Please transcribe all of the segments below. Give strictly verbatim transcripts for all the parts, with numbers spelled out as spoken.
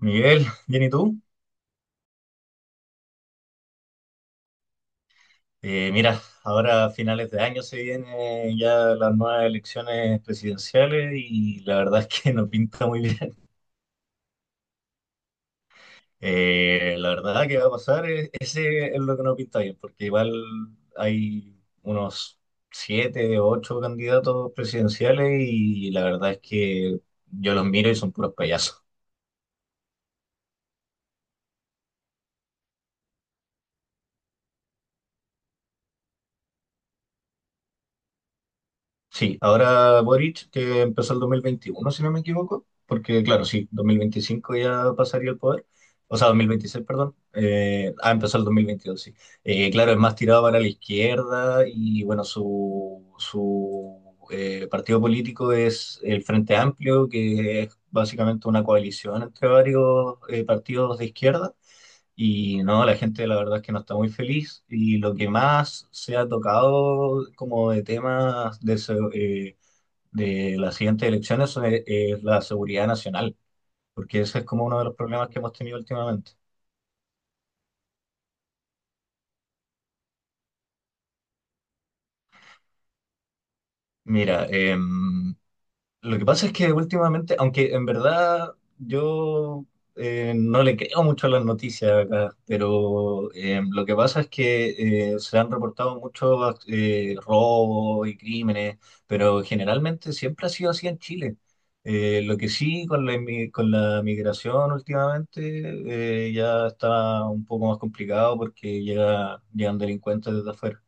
Miguel, bien, ¿y tú? Eh, mira, ahora a finales de año se vienen ya las nuevas elecciones presidenciales y la verdad es que no pinta muy bien. Eh, la verdad que va a pasar, eh, ese es lo que no pinta bien, porque igual hay unos siete o ocho candidatos presidenciales y la verdad es que yo los miro y son puros payasos. Sí, ahora Boric, que empezó el dos mil veintiuno, si no me equivoco, porque claro, sí, dos mil veinticinco ya pasaría el poder, o sea, dos mil veintiséis, perdón, eh, ah, empezó el dos mil veintidós, sí. Eh, claro, es más tirado para la izquierda y bueno, su, su eh, partido político es el Frente Amplio, que es básicamente una coalición entre varios eh, partidos de izquierda. Y no, la gente la verdad es que no está muy feliz y lo que más se ha tocado como de temas de, se- eh, de las siguientes elecciones es, es la seguridad nacional, porque ese es como uno de los problemas que hemos tenido últimamente. Mira, eh, Lo que pasa es que últimamente, aunque en verdad yo eh, no le creo mucho a las noticias acá, pero eh, lo que pasa es que eh, se han reportado muchos eh, robos y crímenes, pero generalmente siempre ha sido así en Chile. Eh, lo que sí con la, inmi- con la migración últimamente eh, ya está un poco más complicado porque llega, llegan delincuentes desde afuera.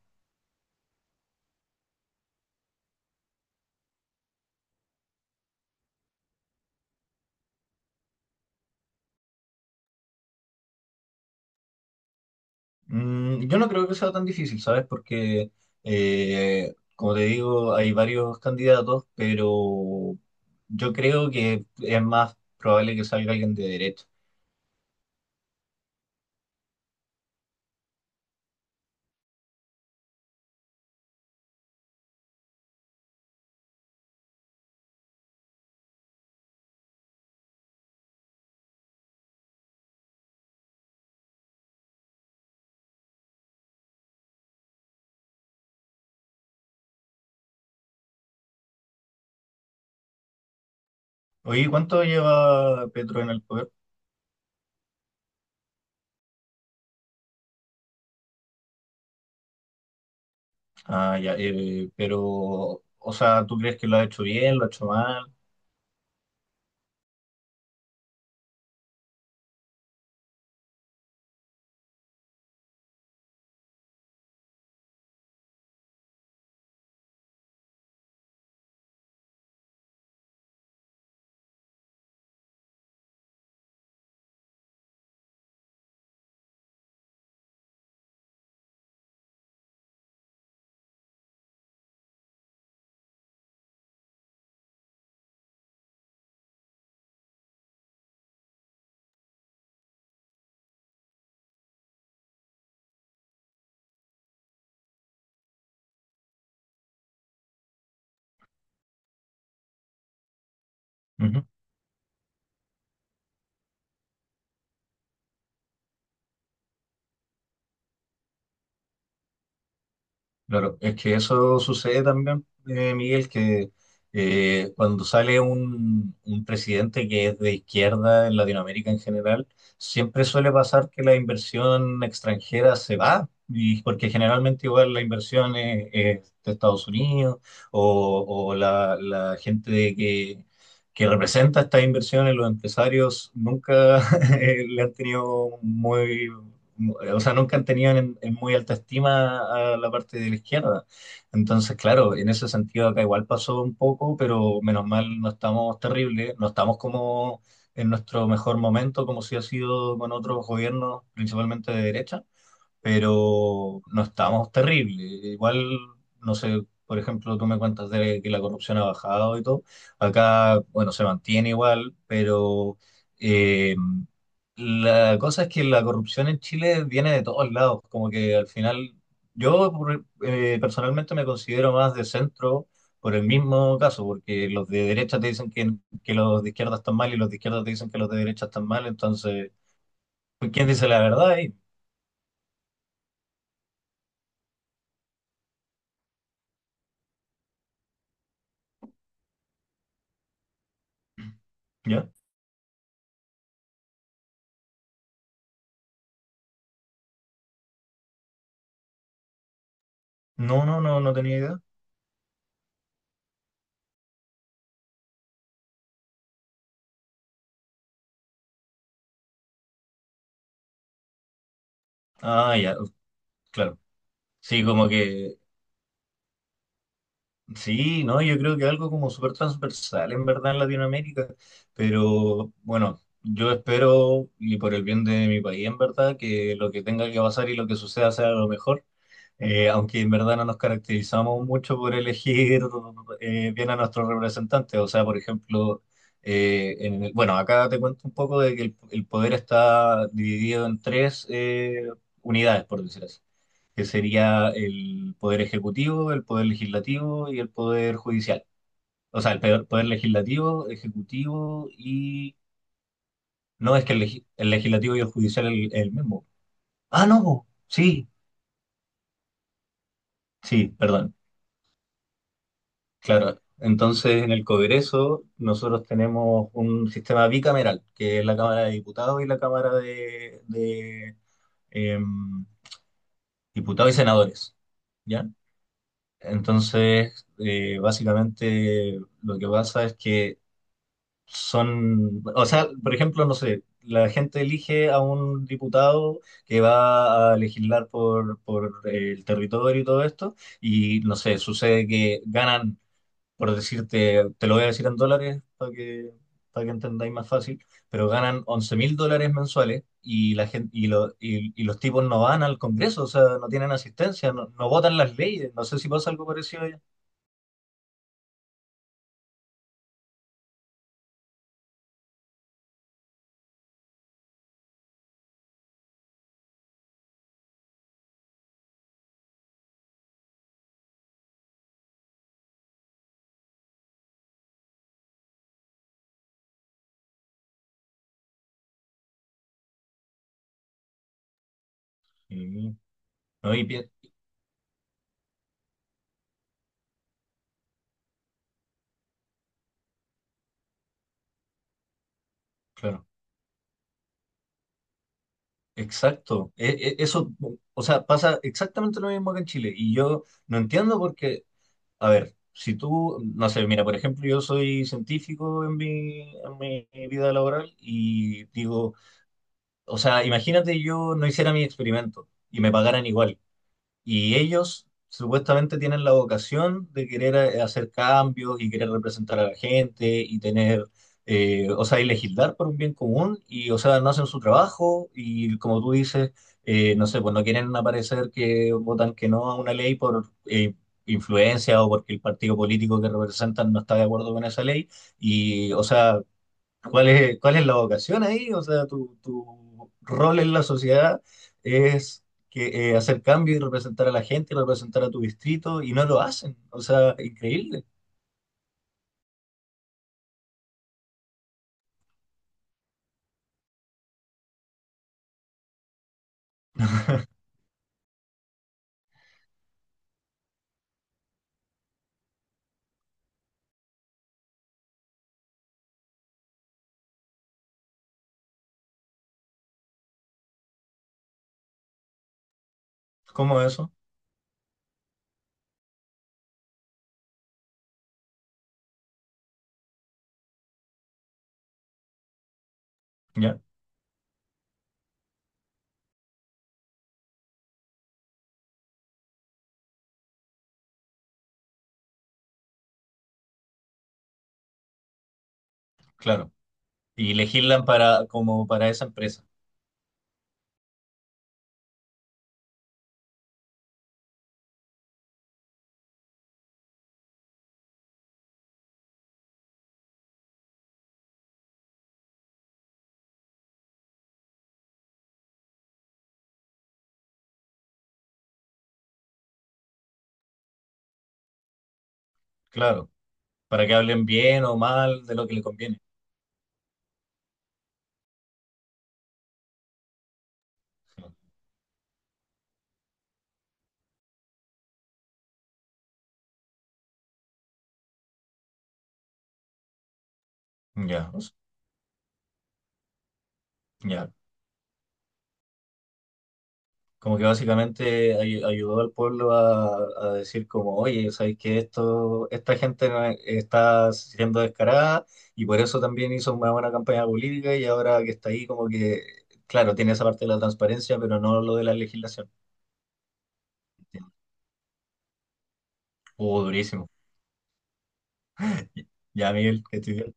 Mm, yo no creo que sea tan difícil, ¿sabes? Porque, eh, como te digo, hay varios candidatos, pero yo creo que es más probable que salga alguien de derecha. Oye, ¿cuánto lleva Petro en el poder? Ah, ya, eh, pero, o sea, ¿tú crees que lo ha hecho bien, lo ha hecho mal? Claro, es que eso sucede también, eh, Miguel, que eh, cuando sale un, un presidente que es de izquierda en Latinoamérica en general, siempre suele pasar que la inversión extranjera se va, y porque generalmente igual la inversión es, es de Estados Unidos o, o la, la gente de que, que representa estas inversiones, los empresarios, nunca eh, le han tenido muy o sea, nunca tenían en, en muy alta estima a la parte de la izquierda. Entonces, claro, en ese sentido acá igual pasó un poco, pero menos mal no estamos terribles, no estamos como en nuestro mejor momento, como si ha sido con otros gobiernos, principalmente de derecha, pero no estamos terrible. Igual, no sé, por ejemplo, tú me cuentas de que la corrupción ha bajado y todo. Acá, bueno, se mantiene igual, pero eh, la cosa es que la corrupción en Chile viene de todos lados. Como que al final, yo por- eh, personalmente me considero más de centro. Por el mismo caso, porque los de derecha te dicen que, que, los de izquierda están mal y los de izquierda te dicen que los de derecha están mal, entonces, ¿quién dice la verdad ahí? ¿Ya? No, no, no, no tenía idea. Ah, ya, uh, claro. Sí, como que, sí, no, yo creo que algo como súper transversal en verdad en Latinoamérica, pero bueno, yo espero y por el bien de mi país en verdad que lo que tenga que pasar y lo que suceda sea lo mejor, eh, aunque en verdad no nos caracterizamos mucho por elegir eh, bien a nuestros representantes, o sea, por ejemplo, eh, en el- bueno, acá te cuento un poco de que el, el poder está dividido en tres eh, unidades, por decir así, que sería el poder ejecutivo, el poder legislativo y el poder judicial. O sea, el poder, poder legislativo, ejecutivo y... No, es que el, legi- el legislativo y el judicial es el, el mismo. Ah, no, sí, sí, perdón. Claro. Entonces, en el Congreso nosotros tenemos un sistema bicameral, que es la Cámara de Diputados y la Cámara de, de, em, Diputados y Senadores. ¿Ya? Entonces, eh, básicamente lo que pasa es que son, o sea, por ejemplo, no sé, la gente elige a un diputado que va a legislar por, por el territorio y todo esto, y no sé, sucede que ganan, por decirte, te lo voy a decir en dólares para que, para que entendáis más fácil, pero ganan once mil dólares mensuales y, la gente, y, lo- y- y los tipos no van al Congreso, o sea, no tienen asistencia, no, no votan las leyes, no sé si pasa algo parecido allá. Sí, no, y pi- claro. Exacto. E- e- eso, o sea, pasa exactamente lo mismo que en Chile y yo no entiendo porque, a ver, si tú, no sé, mira, por ejemplo, yo soy científico en mi, en mi, vida laboral y digo, o sea, imagínate yo no hiciera mi experimento y me pagaran igual. Y ellos supuestamente tienen la vocación de querer eh, hacer cambios y querer representar a la gente y tener, eh, o sea, y legislar por un bien común y, o sea, no hacen su trabajo y como tú dices, eh, no sé, pues no quieren aparecer que votan que no a una ley por eh, influencia o porque el partido político que representan no está de acuerdo con esa ley y o sea ¿Cuál es, cuál es la vocación ahí? O sea, tu, tu rol en la sociedad es que, eh, hacer cambio y representar a la gente, representar a tu distrito, y no lo hacen. O sea, increíble. ¿Cómo es eso? Ya, claro. Y legislan para, como para esa empresa, claro. Para que hablen bien o mal de lo que le conviene. Ya, o sea, ya. Como que básicamente ay- ayudó al pueblo a, a, decir como, oye, sabéis que esto, esta gente no es- está siendo descarada y por eso también hizo una buena campaña política y ahora que está ahí como que, claro, tiene esa parte de la transparencia, pero no lo de la legislación. Oh, durísimo. Ya, Miguel, que estoy bien.